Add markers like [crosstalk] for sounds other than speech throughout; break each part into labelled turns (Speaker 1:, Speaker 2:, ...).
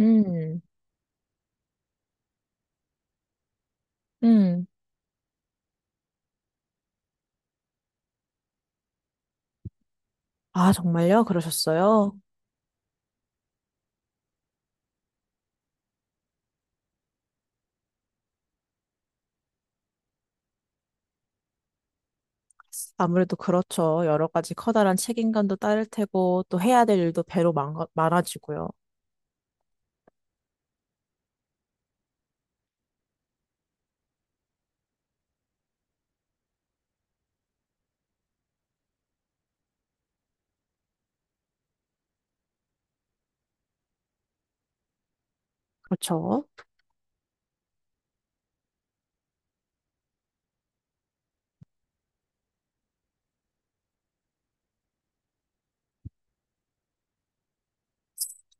Speaker 1: 음, 음. 아, 정말요? 그러셨어요? 아무래도 그렇죠. 여러 가지 커다란 책임감도 따를 테고, 또 해야 될 일도 배로 많아지고요. 그렇죠.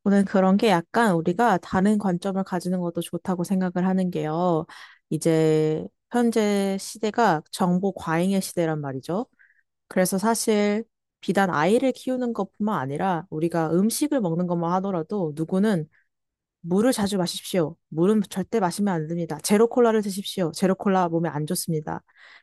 Speaker 1: 저는 그런 게 약간 우리가 다른 관점을 가지는 것도 좋다고 생각을 하는 게요. 이제 현재 시대가 정보 과잉의 시대란 말이죠. 그래서 사실 비단 아이를 키우는 것뿐만 아니라 우리가 음식을 먹는 것만 하더라도 누구는 물을 자주 마십시오. 물은 절대 마시면 안 됩니다. 제로 콜라를 드십시오. 제로 콜라 몸에 안 좋습니다.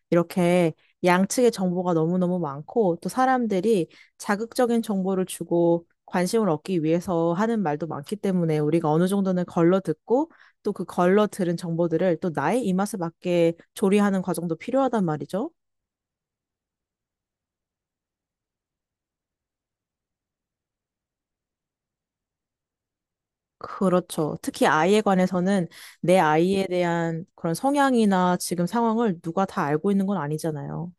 Speaker 1: 이렇게 양측의 정보가 너무너무 많고 또 사람들이 자극적인 정보를 주고 관심을 얻기 위해서 하는 말도 많기 때문에 우리가 어느 정도는 걸러 듣고 또 그 걸러 들은 정보들을 또 나의 입맛에 맞게 조리하는 과정도 필요하단 말이죠. 그렇죠. 특히 아이에 관해서는 내 아이에 대한 그런 성향이나 지금 상황을 누가 다 알고 있는 건 아니잖아요.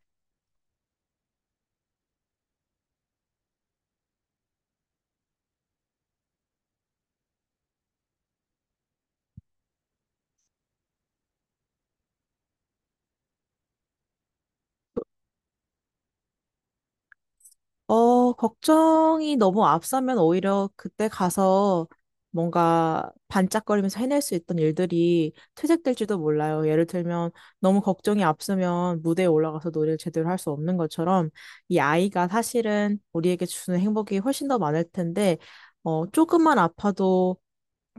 Speaker 1: 걱정이 너무 앞서면 오히려 그때 가서 뭔가 반짝거리면서 해낼 수 있던 일들이 퇴색될지도 몰라요. 예를 들면 너무 걱정이 앞서면 무대에 올라가서 노래를 제대로 할 수 없는 것처럼 이 아이가 사실은 우리에게 주는 행복이 훨씬 더 많을 텐데, 조금만 아파도,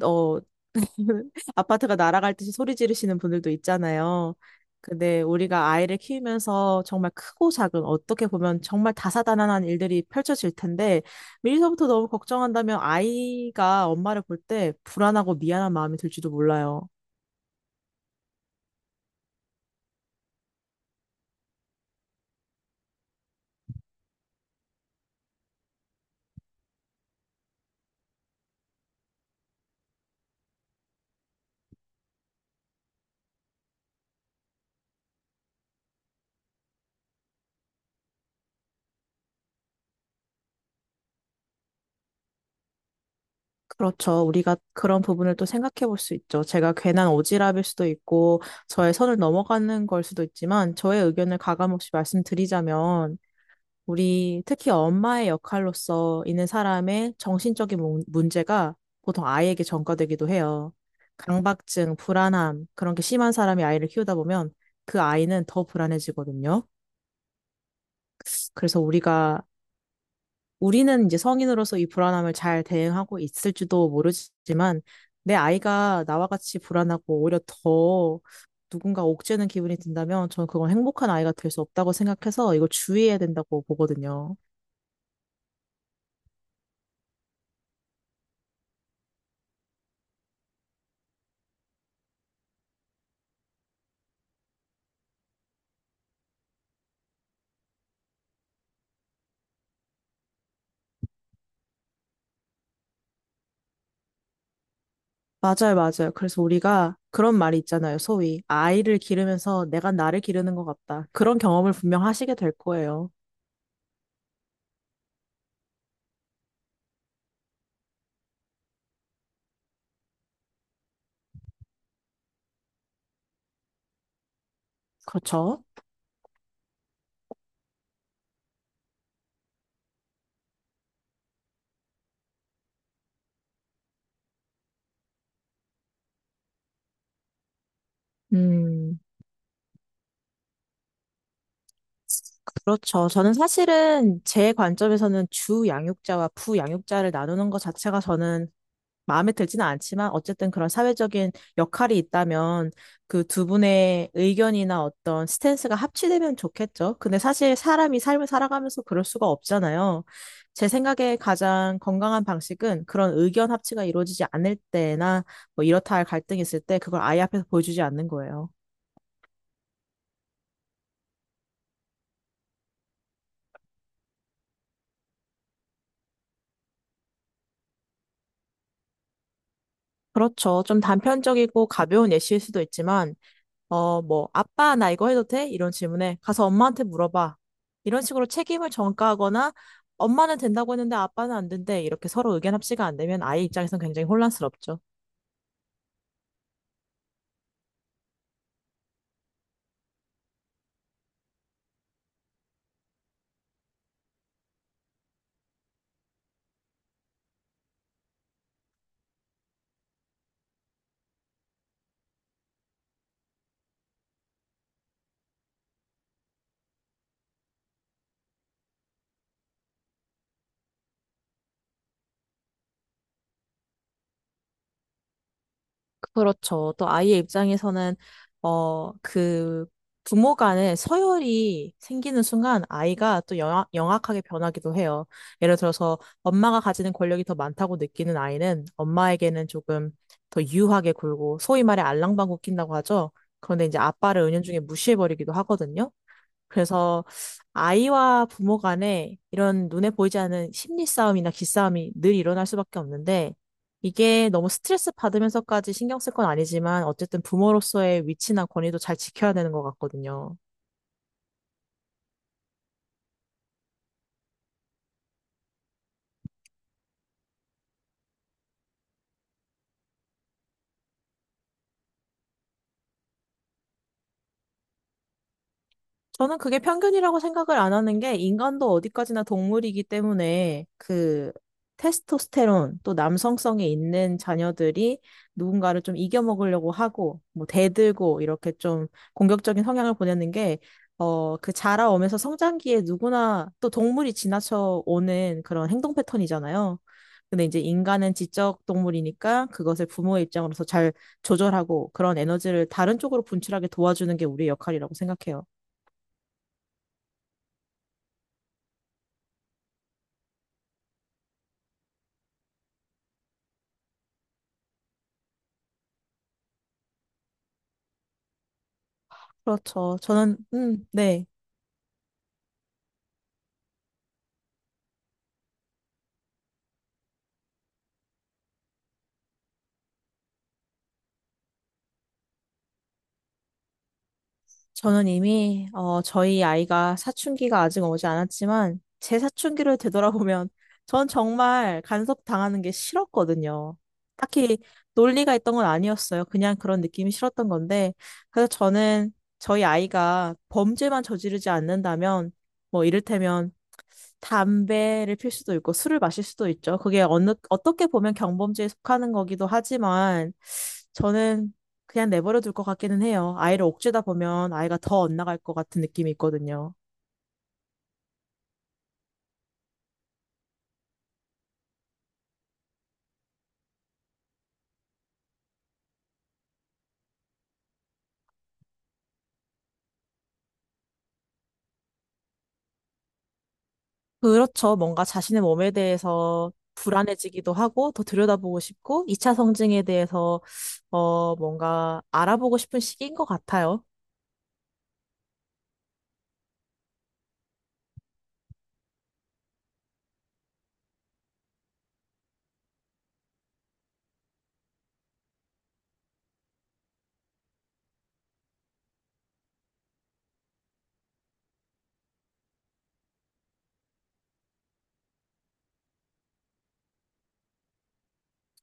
Speaker 1: 어, [laughs] 아파트가 날아갈 듯이 소리 지르시는 분들도 있잖아요. 근데 우리가 아이를 키우면서 정말 크고 작은 어떻게 보면 정말 다사다난한 일들이 펼쳐질 텐데 미리서부터 너무 걱정한다면 아이가 엄마를 볼 때 불안하고 미안한 마음이 들지도 몰라요. 그렇죠. 우리가 그런 부분을 또 생각해 볼 수 있죠. 제가 괜한 오지랖일 수도 있고 저의 선을 넘어가는 걸 수도 있지만 저의 의견을 가감 없이 말씀드리자면 우리 특히 엄마의 역할로서 있는 사람의 정신적인 문제가 보통 아이에게 전가되기도 해요. 강박증, 불안함, 그런 게 심한 사람이 아이를 키우다 보면 그 아이는 더 불안해지거든요. 그래서 우리가, 우리는 이제 성인으로서 이 불안함을 잘 대응하고 있을지도 모르지만 내 아이가 나와 같이 불안하고 오히려 더 누군가 옥죄는 기분이 든다면 저는 그건 행복한 아이가 될 수 없다고 생각해서 이걸 주의해야 된다고 보거든요. 맞아요, 맞아요. 그래서 우리가 그런 말이 있잖아요. 소위. 아이를 기르면서 내가 나를 기르는 것 같다. 그런 경험을 분명 하시게 될 거예요. 그렇죠? 음, 그렇죠. 저는 사실은 제 관점에서는 주 양육자와 부 양육자를 나누는 것 자체가 저는 마음에 들지는 않지만 어쨌든 그런 사회적인 역할이 있다면 그 두 분의 의견이나 어떤 스탠스가 합치되면 좋겠죠. 근데 사실 사람이 삶을 살아가면서 그럴 수가 없잖아요. 제 생각에 가장 건강한 방식은 그런 의견 합치가 이루어지지 않을 때나 뭐 이렇다 할 갈등이 있을 때 그걸 아이 앞에서 보여주지 않는 거예요. 그렇죠. 좀 단편적이고 가벼운 예시일 수도 있지만 뭐, 아빠, 나 이거 해도 돼? 이런 질문에 가서 엄마한테 물어봐. 이런 식으로 책임을 전가하거나 엄마는 된다고 했는데 아빠는 안 된대. 이렇게 서로 의견 합치가 안 되면 아이 입장에선 굉장히 혼란스럽죠. 그렇죠. 또 아이의 입장에서는 어, 그 부모 간의 서열이 생기는 순간 아이가 또 영악하게 변하기도 해요. 예를 들어서 엄마가 가지는 권력이 더 많다고 느끼는 아이는 엄마에게는 조금 더 유하게 굴고 소위 말해 알랑방구 낀다고 하죠. 그런데 이제 아빠를 은연중에 무시해버리기도 하거든요. 그래서 아이와 부모 간에 이런 눈에 보이지 않은 심리 싸움이나 기싸움이 늘 일어날 수밖에 없는데 이게 너무 스트레스 받으면서까지 신경 쓸 건 아니지만 어쨌든 부모로서의 위치나 권위도 잘 지켜야 되는 것 같거든요. 저는 그게 편견이라고 생각을 안 하는 게 인간도 어디까지나 동물이기 때문에 그 테스토스테론 또 남성성이 있는 자녀들이 누군가를 좀 이겨먹으려고 하고 뭐 대들고 이렇게 좀 공격적인 성향을 보내는 게 그 자라오면서 성장기에 누구나 또 동물이 지나쳐 오는 그런 행동 패턴이잖아요. 근데 이제 인간은 지적 동물이니까 그것을 부모의 입장으로서 잘 조절하고 그런 에너지를 다른 쪽으로 분출하게 도와주는 게 우리의 역할이라고 생각해요. 그렇죠. 저는, 네. 저는 이미, 저희 아이가 사춘기가 아직 오지 않았지만, 제 사춘기를 되돌아보면, [laughs] 전 정말 간섭당하는 게 싫었거든요. 딱히 논리가 있던 건 아니었어요. 그냥 그런 느낌이 싫었던 건데, 그래서 저는 저희 아이가 범죄만 저지르지 않는다면, 뭐, 이를테면, 담배를 필 수도 있고, 술을 마실 수도 있죠. 그게 어느, 어떻게 보면 경범죄에 속하는 거기도 하지만, 저는 그냥 내버려 둘 것 같기는 해요. 아이를 억죄다 보면 아이가 더 엇나갈 것 같은 느낌이 있거든요. 그렇죠. 뭔가 자신의 몸에 대해서 불안해지기도 하고 더 들여다보고 싶고 2차 성징에 대해서 뭔가 알아보고 싶은 시기인 것 같아요.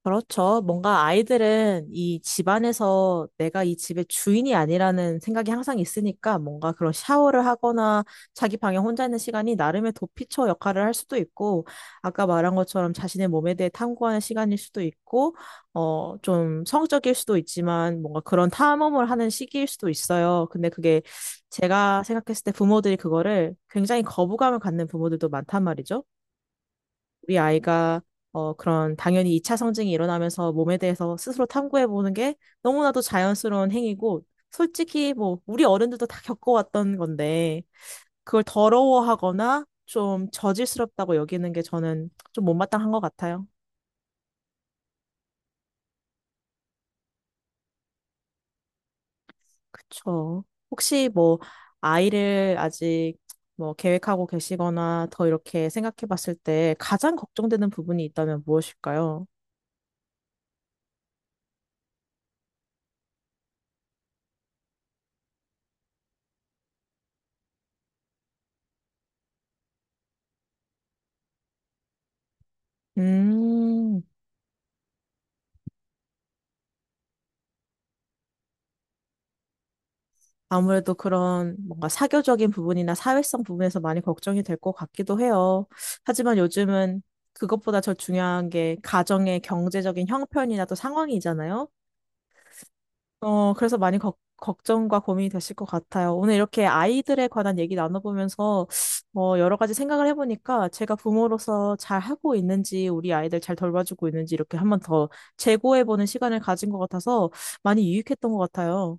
Speaker 1: 그렇죠. 뭔가 아이들은 이 집안에서 내가 이 집의 주인이 아니라는 생각이 항상 있으니까 뭔가 그런 샤워를 하거나 자기 방에 혼자 있는 시간이 나름의 도피처 역할을 할 수도 있고, 아까 말한 것처럼 자신의 몸에 대해 탐구하는 시간일 수도 있고, 좀 성적일 수도 있지만 뭔가 그런 탐험을 하는 시기일 수도 있어요. 근데 그게 제가 생각했을 때 부모들이 그거를 굉장히 거부감을 갖는 부모들도 많단 말이죠. 우리 아이가 그런 당연히 2차 성징이 일어나면서 몸에 대해서 스스로 탐구해보는 게 너무나도 자연스러운 행위고 솔직히 뭐 우리 어른들도 다 겪어왔던 건데 그걸 더러워하거나 좀 저질스럽다고 여기는 게 저는 좀 못마땅한 것 같아요. 그쵸. 혹시 뭐 아이를 아직 뭐 계획하고 계시거나 더 이렇게 생각해 봤을 때 가장 걱정되는 부분이 있다면 무엇일까요? 음. 아무래도 그런 뭔가 사교적인 부분이나 사회성 부분에서 많이 걱정이 될 것 같기도 해요. 하지만 요즘은 그것보다 더 중요한 게 가정의 경제적인 형편이나 또 상황이잖아요. 그래서 많이 걱 걱정과 고민이 되실 것 같아요. 오늘 이렇게 아이들에 관한 얘기 나눠보면서 여러 가지 생각을 해보니까 제가 부모로서 잘 하고 있는지 우리 아이들 잘 돌봐주고 있는지 이렇게 한번 더 재고해보는 시간을 가진 것 같아서 많이 유익했던 것 같아요.